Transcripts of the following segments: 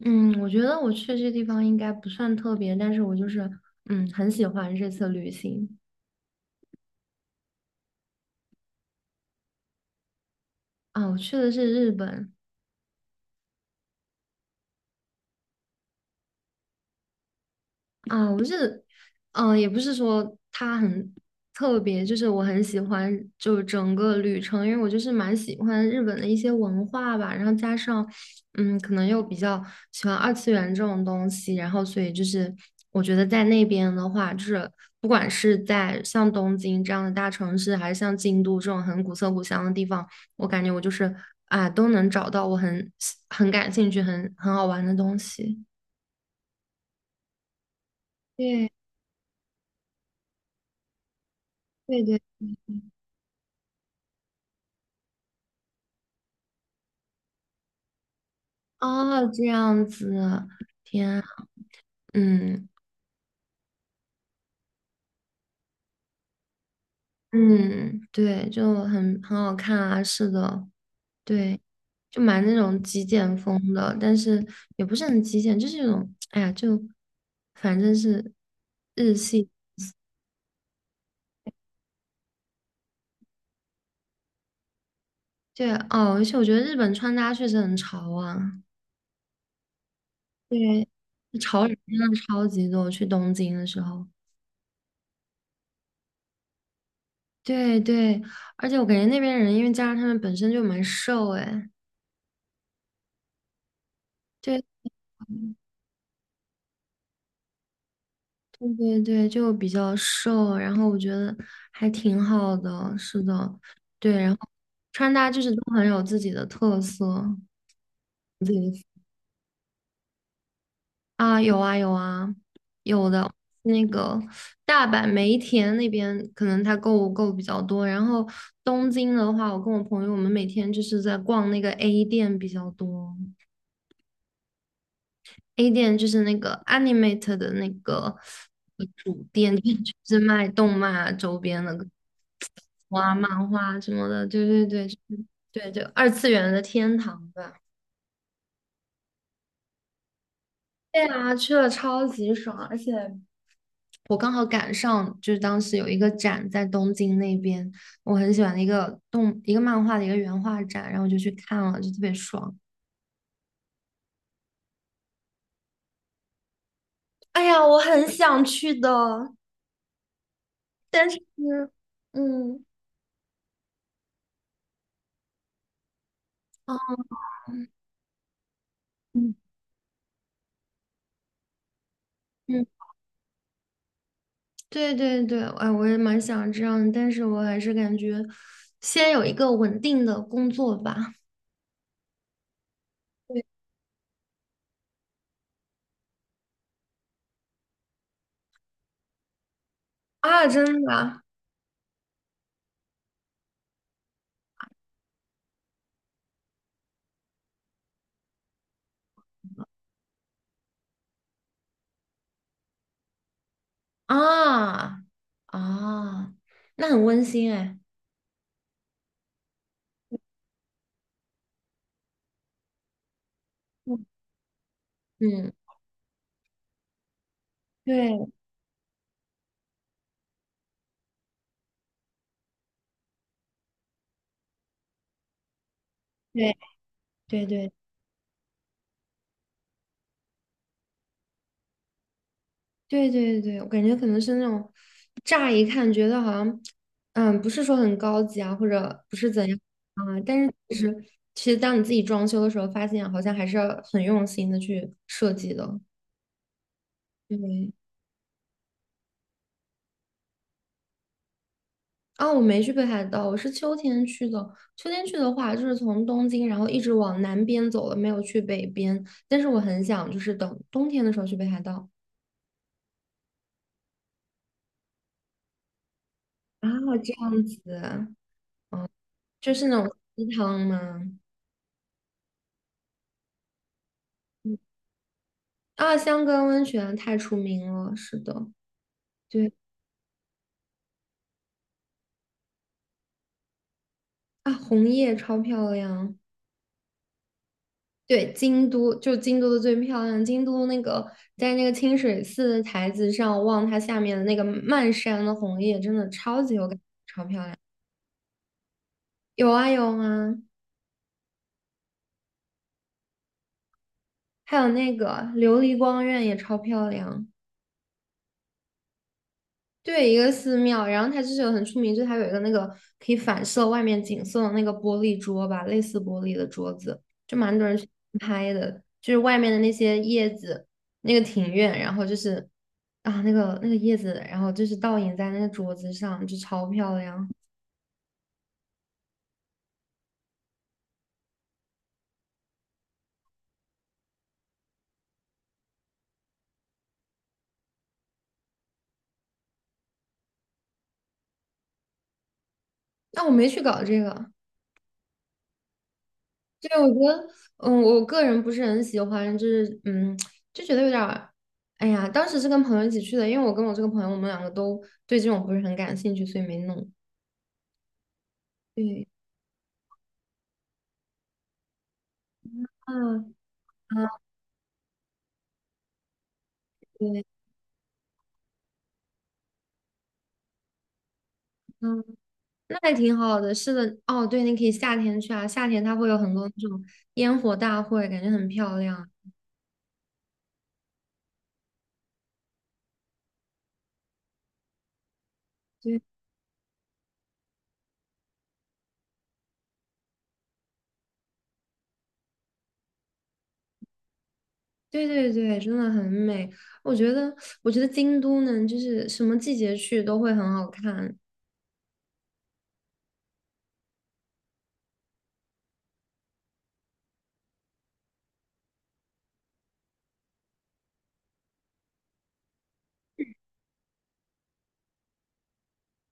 嗯，我觉得我去这地方应该不算特别，但是我就是很喜欢这次旅行啊。我去的是日本，也不是说它很特别，就是我很喜欢，就整个旅程，因为我就是蛮喜欢日本的一些文化吧，然后加上，可能又比较喜欢二次元这种东西，然后所以就是我觉得在那边的话，就是不管是在像东京这样的大城市，还是像京都这种很古色古香的地方，我感觉我就是啊，都能找到我很感兴趣、很好玩的东西。对对对，哦，这样子，天啊嗯嗯，对，就很好看啊，是的，对，就蛮那种极简风的，但是也不是很极简，就是那种，哎呀，就反正是日系，对，哦，而且我觉得日本穿搭确实很潮啊，对，潮人真的超级多，去东京的时候，对对，而且我感觉那边人，因为加上他们本身就蛮瘦，哎，对。对对对，就比较瘦，然后我觉得还挺好的，是的，对，然后穿搭就是都很有自己的特色，对啊，有啊有啊，有的，那个大阪梅田那边可能他购物购比较多，然后东京的话，我跟我朋友我们每天就是在逛那个 A 店比较多，A 店就是那个 Animate 的那个主店，就是卖动漫啊周边的。画漫画什么的，对对对，就是对，就二次元的天堂吧。对啊，去了超级爽，而且我刚好赶上，就是当时有一个展在东京那边，我很喜欢的一个漫画的一个原画展，然后我就去看了，就特别爽。哎呀，我很想去的，但是，嗯。啊。嗯嗯，对对对，哎，我也蛮想这样的，但是我还是感觉先有一个稳定的工作吧。对啊，真的，啊啊，那很温馨哎。嗯，嗯，对对对对对对对，我感觉可能是那种乍一看觉得好像，不是说很高级啊，或者不是怎样啊，但是其实当你自己装修的时候，发现好像还是要很用心的去设计的。对，啊，我没去北海道，我是秋天去的。秋天去的话，就是从东京，然后一直往南边走了，没有去北边。但是我很想，就是等冬天的时候去北海道。啊，这样子，就是那种鸡汤吗？啊，香根温泉太出名了，是的，对啊，红叶超漂亮。对，京都就京都的最漂亮，京都那个在那个清水寺的台子上望它下面的那个漫山的红叶，真的超级有感。有啊有啊，还有那个琉璃光院也超漂亮，对，一个寺庙，然后它就是有很出名，就是它有一个那个可以反射外面景色的那个玻璃桌吧，类似玻璃的桌子，就蛮多人去拍的，就是外面的那些叶子，那个庭院，然后就是啊那个叶子，然后就是倒影在那个桌子上，就超漂亮。但我没去搞这个，对，我觉得，我个人不是很喜欢，就是，就觉得有点儿，哎呀，当时是跟朋友一起去的，因为我跟我这个朋友，我们两个都对这种不是很感兴趣，所以没弄。对，啊啊，对，嗯，那还挺好的。是的，哦，对，你可以夏天去啊，夏天它会有很多那种烟火大会，感觉很漂亮。对，对对对，真的很美。我觉得，我觉得京都呢，就是什么季节去都会很好看。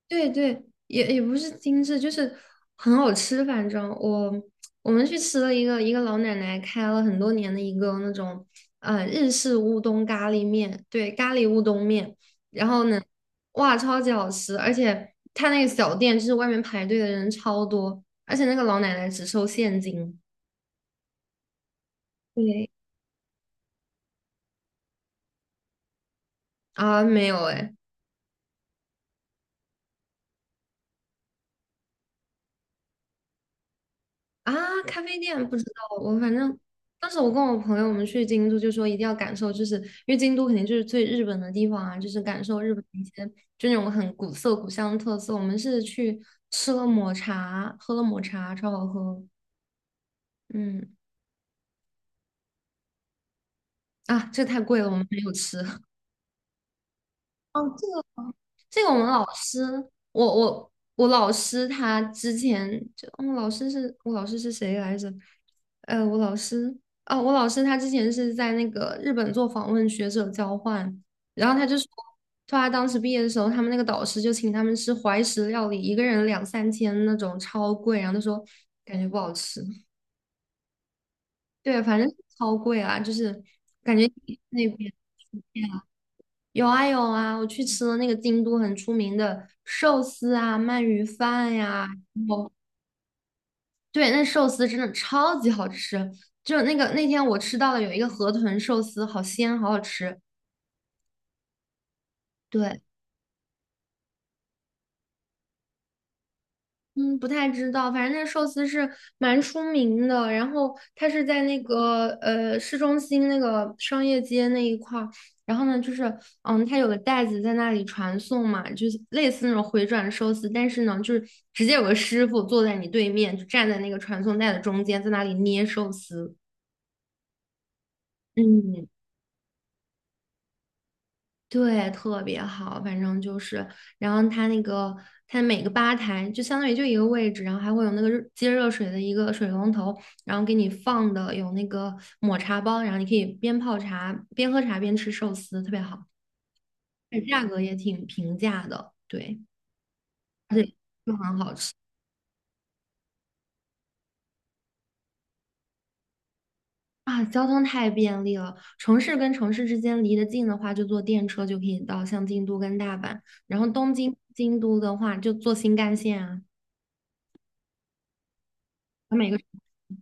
对对，也不是精致，就是很好吃。反正我们去吃了一个老奶奶开了很多年的一个那种日式乌冬咖喱面，对，咖喱乌冬面。然后呢，哇，超级好吃！而且他那个小店就是外面排队的人超多，而且那个老奶奶只收现金。对啊，没有哎，啊，咖啡店不知道，我反正当时我跟我朋友我们去京都，就说一定要感受，就是因为京都肯定就是最日本的地方啊，就是感受日本的一些就那种很古色古香的特色。我们是去吃了抹茶，喝了抹茶，超好喝。嗯，啊，这个太贵了，我们没有吃。哦，这个我们老师，我老师他之前就，老师是我老师是谁来着？呃，我老师我老师他之前是在那个日本做访问学者交换，然后他就说他当时毕业的时候，他们那个导师就请他们吃怀石料理，一个人两三千那种，超贵，然后他说感觉不好吃，对，反正超贵啊，就是感觉那边。有啊有啊，我去吃了那个京都很出名的寿司啊、鳗鱼饭呀、然后对，那寿司真的超级好吃，就那个那天我吃到了有一个河豚寿司，好鲜，好好吃。对，嗯，不太知道，反正那寿司是蛮出名的。然后它是在那个市中心那个商业街那一块儿。然后呢，就是它有个袋子在那里传送嘛，就是类似那种回转寿司，但是呢，就是直接有个师傅坐在你对面，就站在那个传送带的中间，在那里捏寿司。嗯，对，特别好，反正就是，然后它那个它每个吧台就相当于就一个位置，然后还会有那个接热水的一个水龙头，然后给你放的有那个抹茶包，然后你可以边泡茶边喝茶边吃寿司，特别好，而且价格也挺平价的，对，而且就很好吃啊，交通太便利了，城市跟城市之间离得近的话，就坐电车就可以到，像京都跟大阪，然后东京、京都的话就坐新干线啊，每个城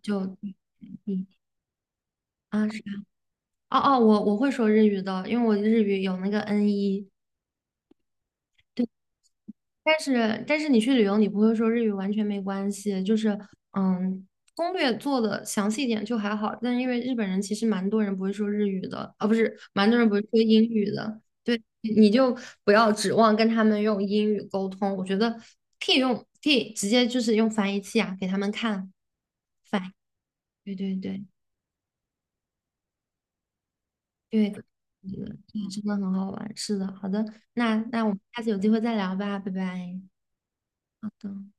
就。嗯啊，是哦哦，我会说日语的，因为我日语有那个 N1。但是你去旅游你不会说日语完全没关系，就是嗯，攻略做的详细一点就还好，但因为日本人其实蛮多人不会说日语的，啊不是，蛮多人不会说英语的，对，你就不要指望跟他们用英语沟通，我觉得可以用可以直接就是用翻译器啊给他们看，翻译，对对对。对，可以的对真的很好玩。是的，好的，那我们下次有机会再聊吧，拜拜。好的。